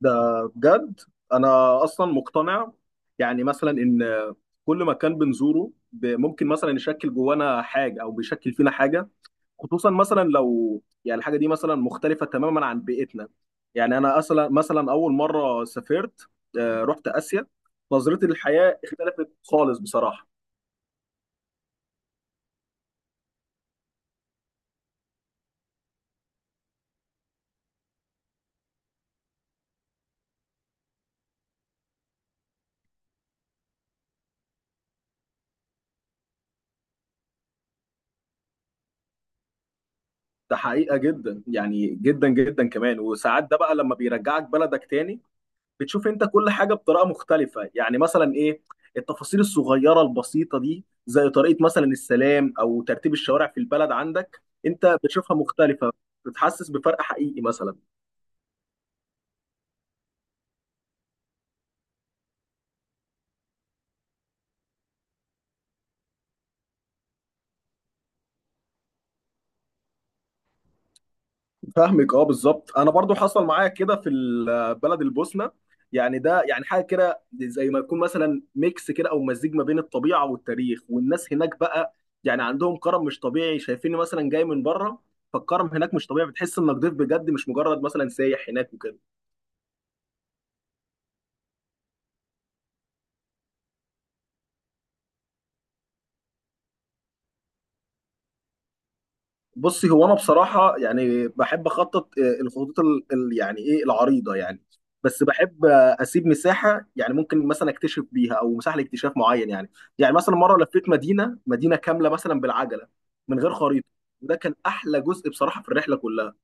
ده بجد. انا اصلا مقتنع. يعني مثلا ان كل مكان بنزوره ممكن مثلا يشكل جوانا حاجه او بيشكل فينا حاجه، خصوصا مثلا لو الحاجه دي مثلا مختلفه تماما عن بيئتنا. يعني انا اصلا مثلا اول مره سافرت، رحت اسيا. نظرتي للحياه اختلفت خالص بصراحه. ده حقيقه جدا، يعني جدا جدا كمان. وساعات ده بقى لما بيرجعك بلدك تاني، بتشوف انت كل حاجه بطريقه مختلفه. يعني مثلا ايه التفاصيل الصغيره البسيطه دي، زي طريقه مثلا السلام او ترتيب الشوارع في البلد عندك، انت بتشوفها مختلفه. بتحسس بفرق حقيقي مثلا. فاهمك، اه، بالظبط. انا برضو حصل معايا كده في بلد البوسنه. يعني ده يعني حاجه كده زي ما يكون مثلا ميكس كده، او مزيج ما بين الطبيعه والتاريخ والناس هناك بقى. يعني عندهم كرم مش طبيعي، شايفيني مثلا جاي من بره، فالكرم هناك مش طبيعي. بتحس انك ضيف بجد، مش مجرد مثلا سايح هناك وكده. بصي، هو انا بصراحه يعني بحب اخطط، الخطوط يعني ايه العريضه يعني. بس بحب اسيب مساحه، يعني ممكن مثلا اكتشف بيها، او مساحه لاكتشاف معين يعني. يعني مثلا مره لفيت مدينه كامله مثلا بالعجله، من غير خريطه. وده كان احلى جزء بصراحه في الرحله كلها.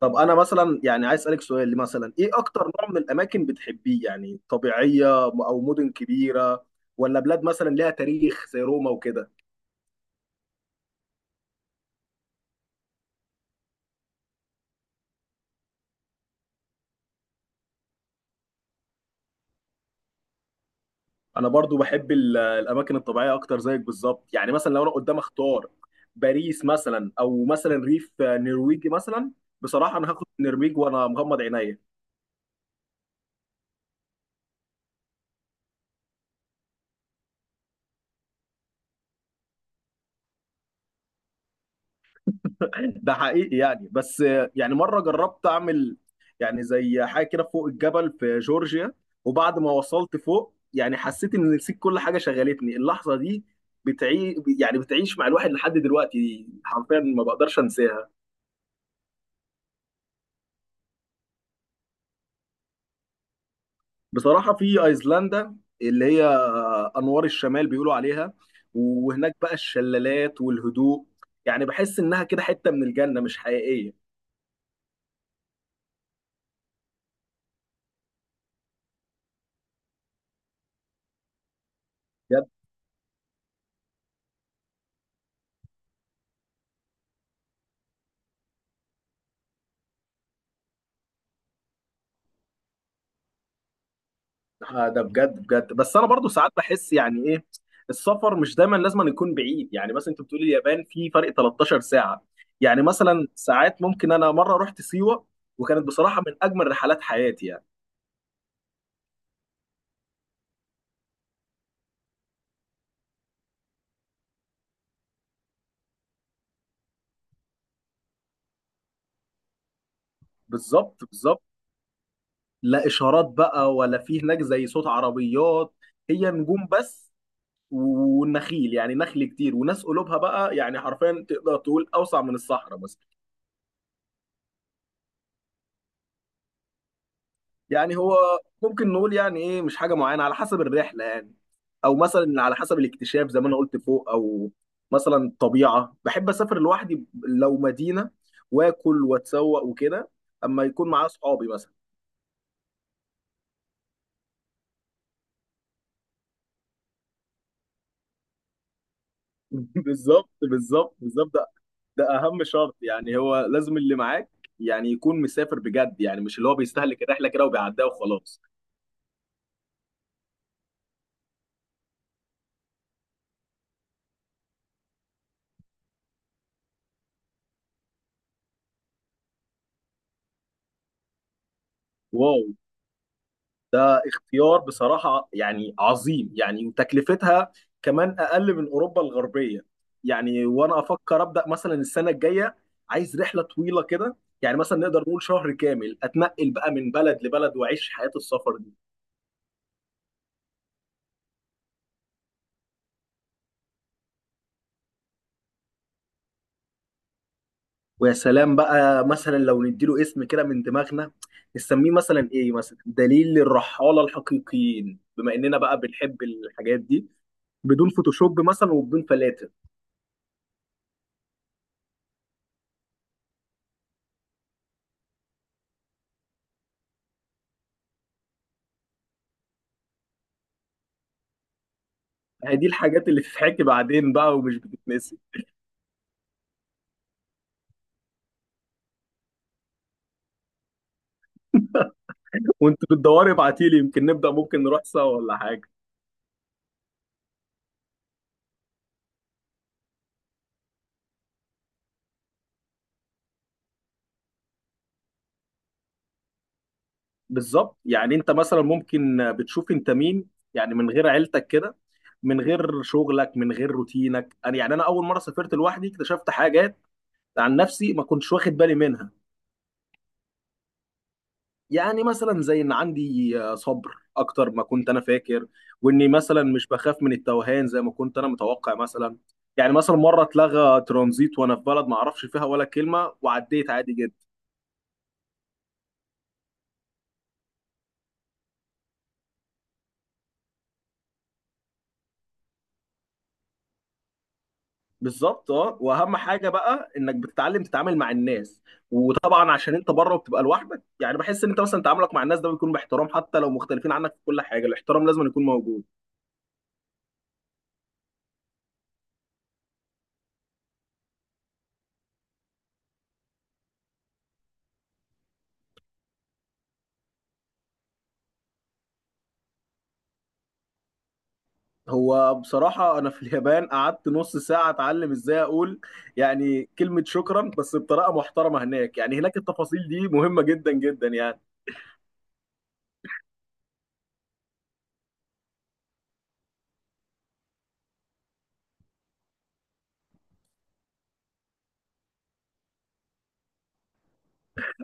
طب انا مثلا يعني عايز اسالك سؤال، مثلا ايه اكتر نوع من الاماكن بتحبيه؟ يعني طبيعيه او مدن كبيره، ولا بلاد مثلا ليها تاريخ زي روما وكده؟ انا برضو بحب الاماكن الطبيعيه اكتر زيك بالظبط. يعني مثلا لو انا قدام اختار باريس مثلا، او مثلا ريف نرويجي مثلا، بصراحه انا هاخد النرويج وانا مغمض عينيا. ده حقيقي يعني. بس يعني مره جربت اعمل يعني زي حاجه كده فوق الجبل في جورجيا، وبعد ما وصلت فوق، يعني حسيت ان نسيت كل حاجه شغلتني. اللحظه دي بتعي يعني بتعيش مع الواحد لحد دلوقتي، حرفيا ما بقدرش انساها. بصراحة في أيسلندا، اللي هي أنوار الشمال بيقولوا عليها، وهناك بقى الشلالات والهدوء. يعني بحس إنها كده حتة من الجنة، مش حقيقية. بجد ده بجد بجد. بس أنا برضو ساعات بحس يعني إيه، السفر مش دايما لازم أن يكون بعيد. يعني مثلا أنت بتقولي اليابان في فرق 13 ساعة. يعني مثلا ساعات ممكن، أنا مرة رحت سيوة، وكانت بصراحة من أجمل رحلات حياتي يعني. بالظبط بالظبط. لا إشارات بقى، ولا في هناك زي صوت عربيات، هي نجوم بس والنخيل، يعني نخل كتير، وناس قلوبها بقى يعني حرفيا تقدر تقول اوسع من الصحراء مثلا. يعني هو ممكن نقول يعني ايه، مش حاجه معينه، على حسب الرحله يعني. او مثلا على حسب الاكتشاف زي ما انا قلت فوق. او مثلا الطبيعه، بحب اسافر لوحدي لو مدينه، واكل واتسوق وكده. اما يكون معايا اصحابي مثلا. بالظبط بالظبط بالظبط. ده اهم شرط، يعني هو لازم اللي معاك يعني يكون مسافر بجد، يعني مش اللي هو بيستهلك الرحله كده وبيعديها وخلاص. واو، اختيار بصراحة يعني عظيم يعني. وتكلفتها كمان أقل من أوروبا الغربية. يعني وأنا أفكر أبدأ مثلا السنة الجاية. عايز رحلة طويلة كده، يعني مثلا نقدر نقول شهر كامل أتنقل بقى من بلد لبلد، وأعيش حياة السفر دي. ويا سلام بقى مثلا لو نديله اسم كده من دماغنا، نسميه مثلا إيه، مثلا دليل الرحالة الحقيقيين، بما إننا بقى بنحب الحاجات دي. بدون فوتوشوب مثلا وبدون فلاتر. هي دي الحاجات اللي تتحكي بعدين بقى ومش بتتنسي. وانت بتدوري ابعتي لي، يمكن نبدا، ممكن نروح سوا ولا حاجه. بالظبط، يعني انت مثلا ممكن بتشوف انت مين، يعني من غير عيلتك كده، من غير شغلك، من غير روتينك. انا يعني انا اول مره سافرت لوحدي اكتشفت حاجات عن نفسي ما كنتش واخد بالي منها. يعني مثلا زي ان عندي صبر اكتر ما كنت انا فاكر. واني مثلا مش بخاف من التوهان زي ما كنت انا متوقع مثلا. يعني مثلا مره اتلغى ترانزيت وانا في بلد ما اعرفش فيها ولا كلمه، وعديت عادي جدا. بالظبط، اه. واهم حاجه بقى انك بتتعلم تتعامل مع الناس. وطبعا عشان انت بره وبتبقى لوحدك، يعني بحس ان انت مثلا تعاملك مع الناس ده بيكون باحترام. حتى لو مختلفين عنك في كل حاجه، الاحترام لازم يكون موجود. هو بصراحه انا في اليابان قعدت نص ساعه اتعلم ازاي اقول يعني كلمه شكرا بس بطريقه محترمه هناك. يعني هناك التفاصيل دي مهمه جدا جدا يعني.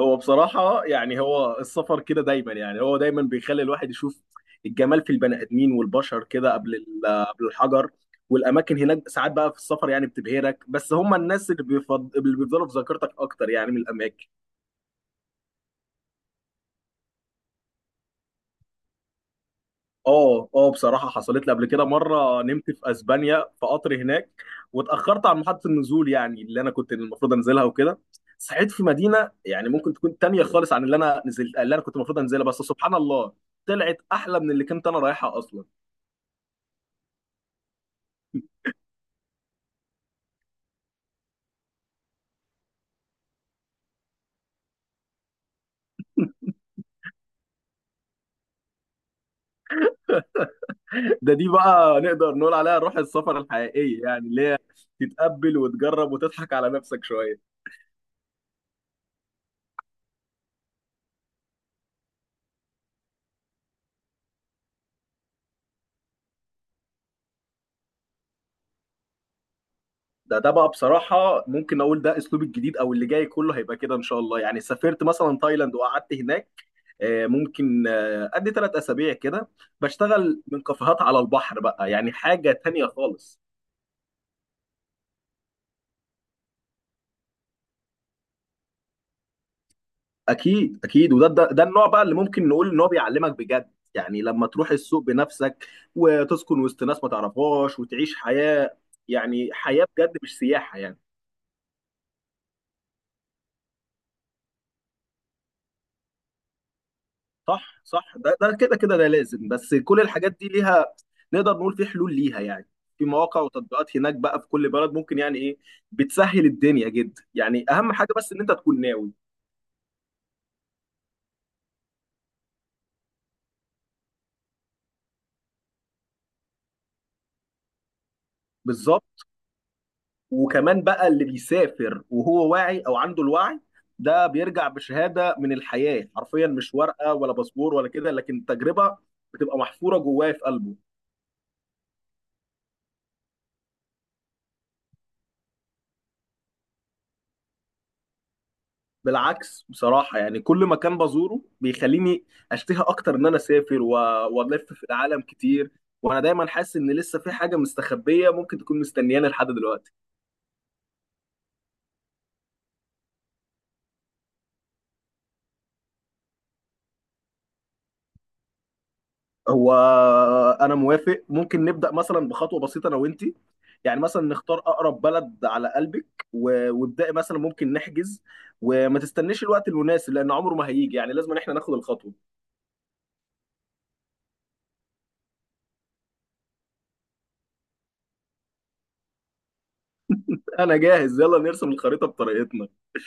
هو بصراحة يعني هو السفر كده دايما، يعني هو دايما بيخلي الواحد يشوف الجمال في البني آدمين والبشر كده قبل قبل الحجر. والأماكن هناك ساعات بقى في السفر يعني بتبهرك، بس هم الناس اللي بيفضلوا في ذاكرتك أكتر يعني من الأماكن. اه اه، بصراحة حصلت لي قبل كده مرة نمت في اسبانيا في قطر هناك، واتأخرت عن محطة النزول يعني اللي انا كنت المفروض انزلها وكده. صحيت في مدينة يعني ممكن تكون تانية خالص عن اللي انا نزلت، اللي انا كنت المفروض انزلها، بس سبحان الله طلعت احلى من اللي كنت انا رايحها اصلا. ده دي بقى نقدر نقول عليها روح السفر الحقيقية، يعني اللي هي تتقبل وتجرب وتضحك على نفسك شوية. ده بقى بصراحة ممكن اقول ده اسلوب الجديد، او اللي جاي كله هيبقى كده ان شاء الله. يعني سافرت مثلا تايلاند وقعدت هناك، ممكن ادي 3 اسابيع كده بشتغل من كافيهات على البحر بقى، يعني حاجه تانية خالص. اكيد اكيد. وده ده, ده النوع بقى اللي ممكن نقول ان هو بيعلمك بجد، يعني لما تروح السوق بنفسك وتسكن وسط ناس ما تعرفهاش وتعيش حياه، يعني حياه بجد مش سياحه يعني. صح صح. ده ده كده كده ده لازم. بس كل الحاجات دي ليها، نقدر نقول، في حلول ليها يعني. في مواقع وتطبيقات هناك بقى في كل بلد، ممكن يعني ايه بتسهل الدنيا جدا. يعني اهم حاجه بس ان انت تكون ناوي. بالظبط. وكمان بقى اللي بيسافر وهو واعي او عنده الوعي، ده بيرجع بشهاده من الحياه حرفيا، مش ورقه ولا باسبور ولا كده، لكن تجربه بتبقى محفوره جواه في قلبه. بالعكس بصراحه، يعني كل مكان بزوره بيخليني اشتهي اكتر ان انا اسافر، والف في العالم كتير. وانا دايما حاسس ان لسه في حاجه مستخبيه ممكن تكون مستنياني لحد دلوقتي. هو انا موافق، ممكن نبدا مثلا بخطوه بسيطه انا وانت. يعني مثلا نختار اقرب بلد على قلبك، وابداي مثلا، ممكن نحجز. وما تستنيش الوقت المناسب لان عمره ما هيجي، يعني لازم إن احنا ناخد الخطوه. انا جاهز، يلا نرسم الخريطه بطريقتنا.